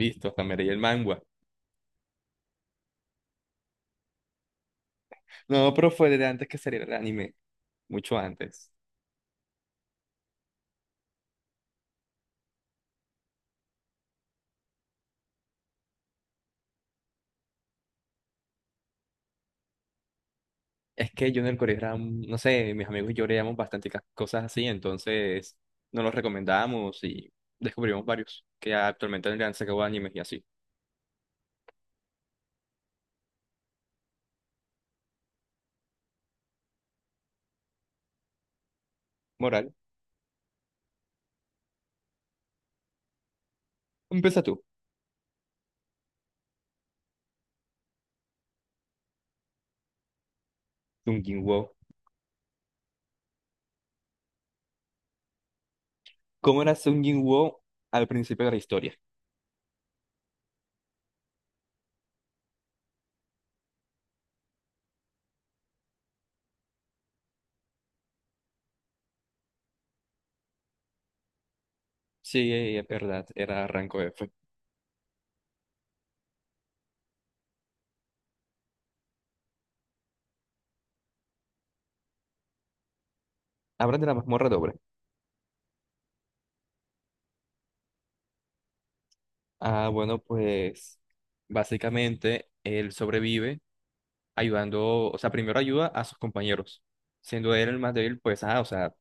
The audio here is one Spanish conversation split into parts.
Visto, hasta me leí el manga. No, pero fue desde antes que saliera el anime, mucho antes. Es que yo en el colegio era, no sé, mis amigos y yo leíamos bastante cosas así, entonces nos los recomendábamos y descubrimos varios que actualmente le han sacado animes y así. Moral, empieza tú. Sung Jinwoo. ¿Cómo era Sung Jinwoo al principio de la historia? Sí, es verdad, era rango F. Hablan de la mazmorra doble. Ah, bueno, pues básicamente él sobrevive ayudando, o sea, primero ayuda a sus compañeros. Siendo él el más débil, pues, o sea,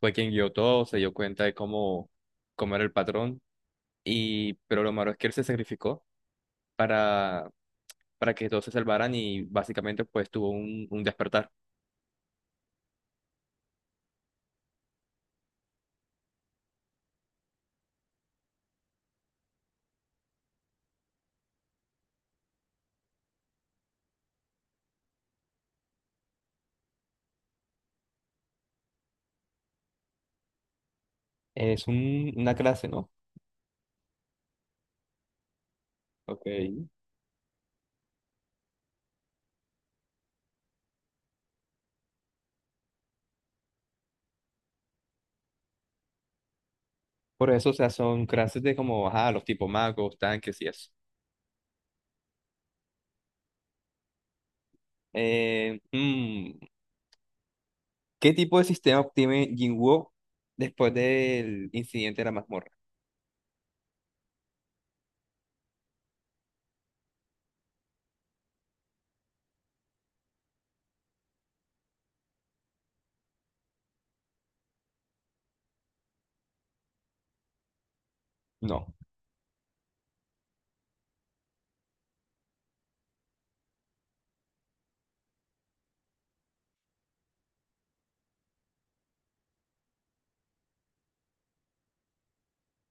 fue quien guió todo, se dio cuenta de cómo era el patrón. Y, pero lo malo es que él se sacrificó para, para que todos se salvaran y básicamente, pues, tuvo un despertar. Es una clase, ¿no? Ok. Por eso, o sea, son clases de como, ajá, los tipos magos, tanques y eso. Eh, mm, ¿Qué tipo de sistema obtiene Jinwoo después del incidente de la mazmorra? No.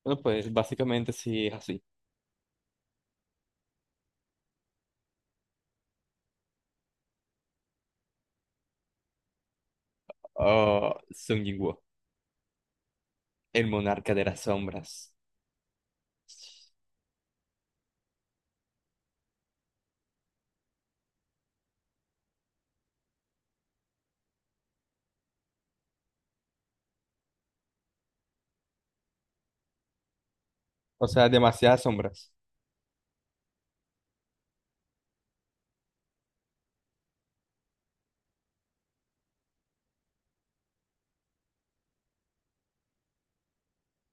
Bueno, pues básicamente sí es así. Oh, Sung Jinwoo, el monarca de las sombras. O sea, demasiadas sombras.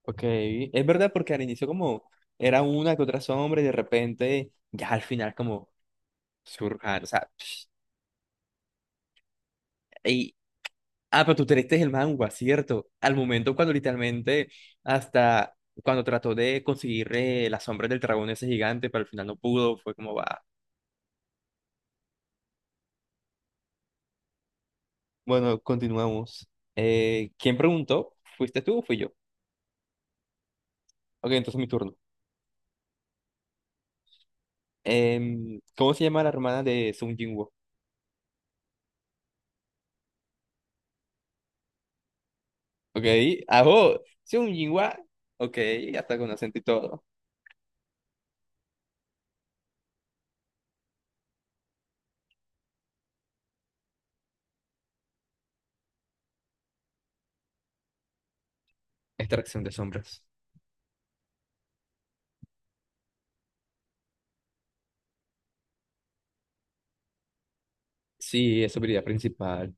Ok, es verdad porque al inicio como era una que otra sombra y de repente ya al final como surja, o sea, psh, y, ah, pero tú te leíste el manga, ¿cierto? Al momento cuando literalmente hasta cuando trató de conseguir las sombras del dragón ese gigante, pero al final no pudo, fue como va. Bueno, continuamos. ¿Quién preguntó? ¿Fuiste tú o fui yo? Ok, entonces mi turno. Em, ¿cómo se llama la hermana de Sung Jinwoo? Ok, ajo, Sung Jinwoo. Ok, hasta con acento y todo. Extracción de sombras. Sí, es su habilidad principal.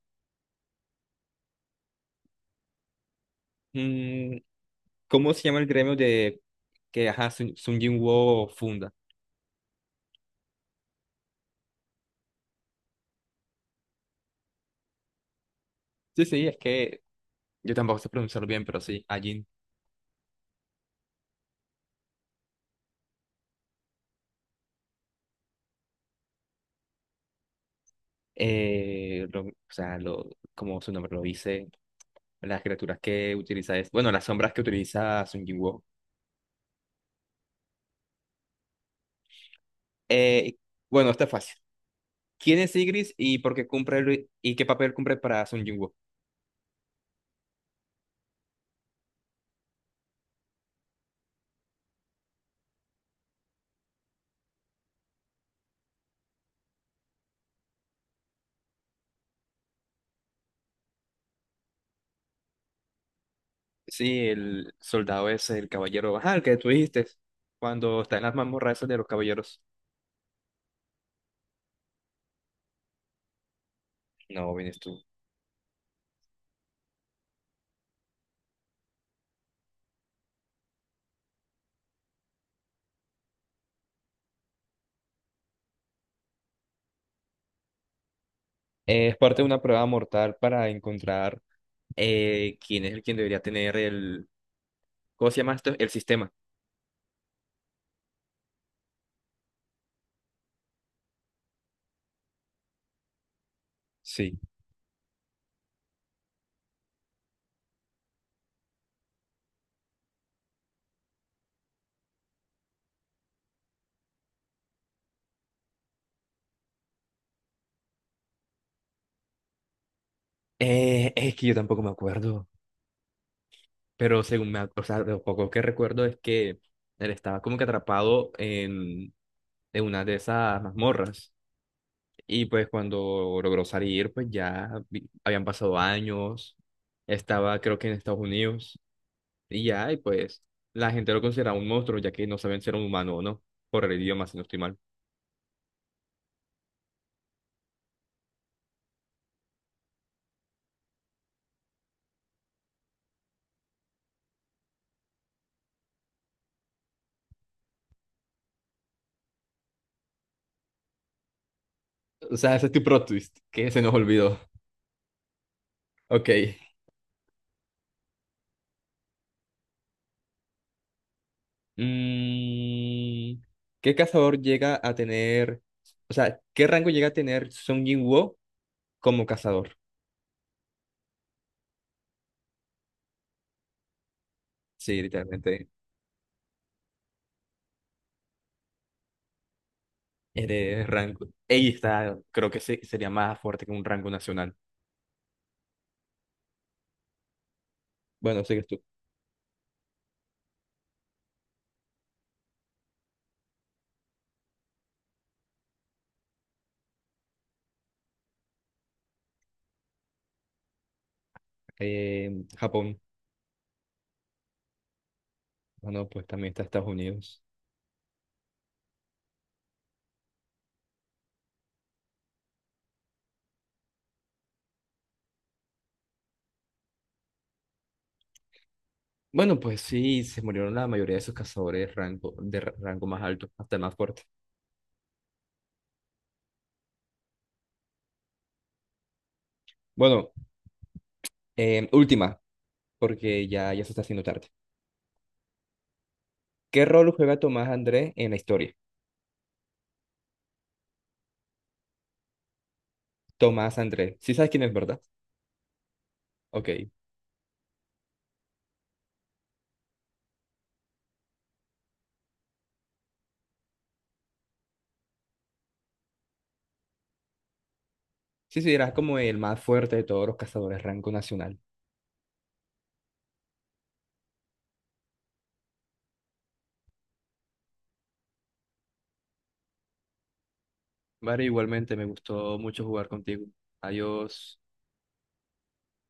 Mm, ¿cómo se llama el gremio de que ajá, Sun, Sung Jinwoo funda? Sí, sí, es que yo tampoco sé pronunciarlo bien, pero sí, Ajin. Eh, lo- o sea, lo, como su nombre lo dice, las criaturas que utiliza es, bueno, las sombras que utiliza Sun Jinwoo. Eh, bueno, está fácil. ¿Quién es Sigris y por qué cumple y qué papel cumple para Sung Jinwoo? Sí, el soldado es el caballero, ajá, el que tú dijiste, cuando está en las mazmorras esas de los caballeros. No, vienes tú. Es parte de una prueba mortal para encontrar quién es el quien debería tener el, ¿cómo se llama esto? El sistema. Sí. Es que yo tampoco me acuerdo, pero según me, o sea, lo poco que recuerdo es que él estaba como que atrapado en una de esas mazmorras. Y pues cuando logró salir, pues ya habían pasado años, estaba creo que en Estados Unidos, y ya, y pues la gente lo consideraba un monstruo, ya que no sabían si era un humano o no, por el idioma, si no estoy mal. O sea, ese es tu plot twist, que se nos olvidó. Ok. Mm, ¿qué cazador llega a tener, o sea, qué rango llega a tener Sung Jin como cazador? Sí, literalmente, eres rango. Ella está, creo que sería más fuerte que un rango nacional. Bueno, sí que eh, Japón. Ah, no, pues también está Estados Unidos. Bueno, pues sí, se murieron la mayoría de esos cazadores de rango, de rango más alto, hasta el más fuerte. Bueno, última, porque ya se está haciendo tarde. ¿Qué rol juega Tomás Andrés en la historia? Tomás Andrés. Sí sabes quién es, ¿verdad? Ok. Sí, sí, era como el más fuerte de todos los cazadores rango nacional. Vale, igualmente me gustó mucho jugar contigo. Adiós.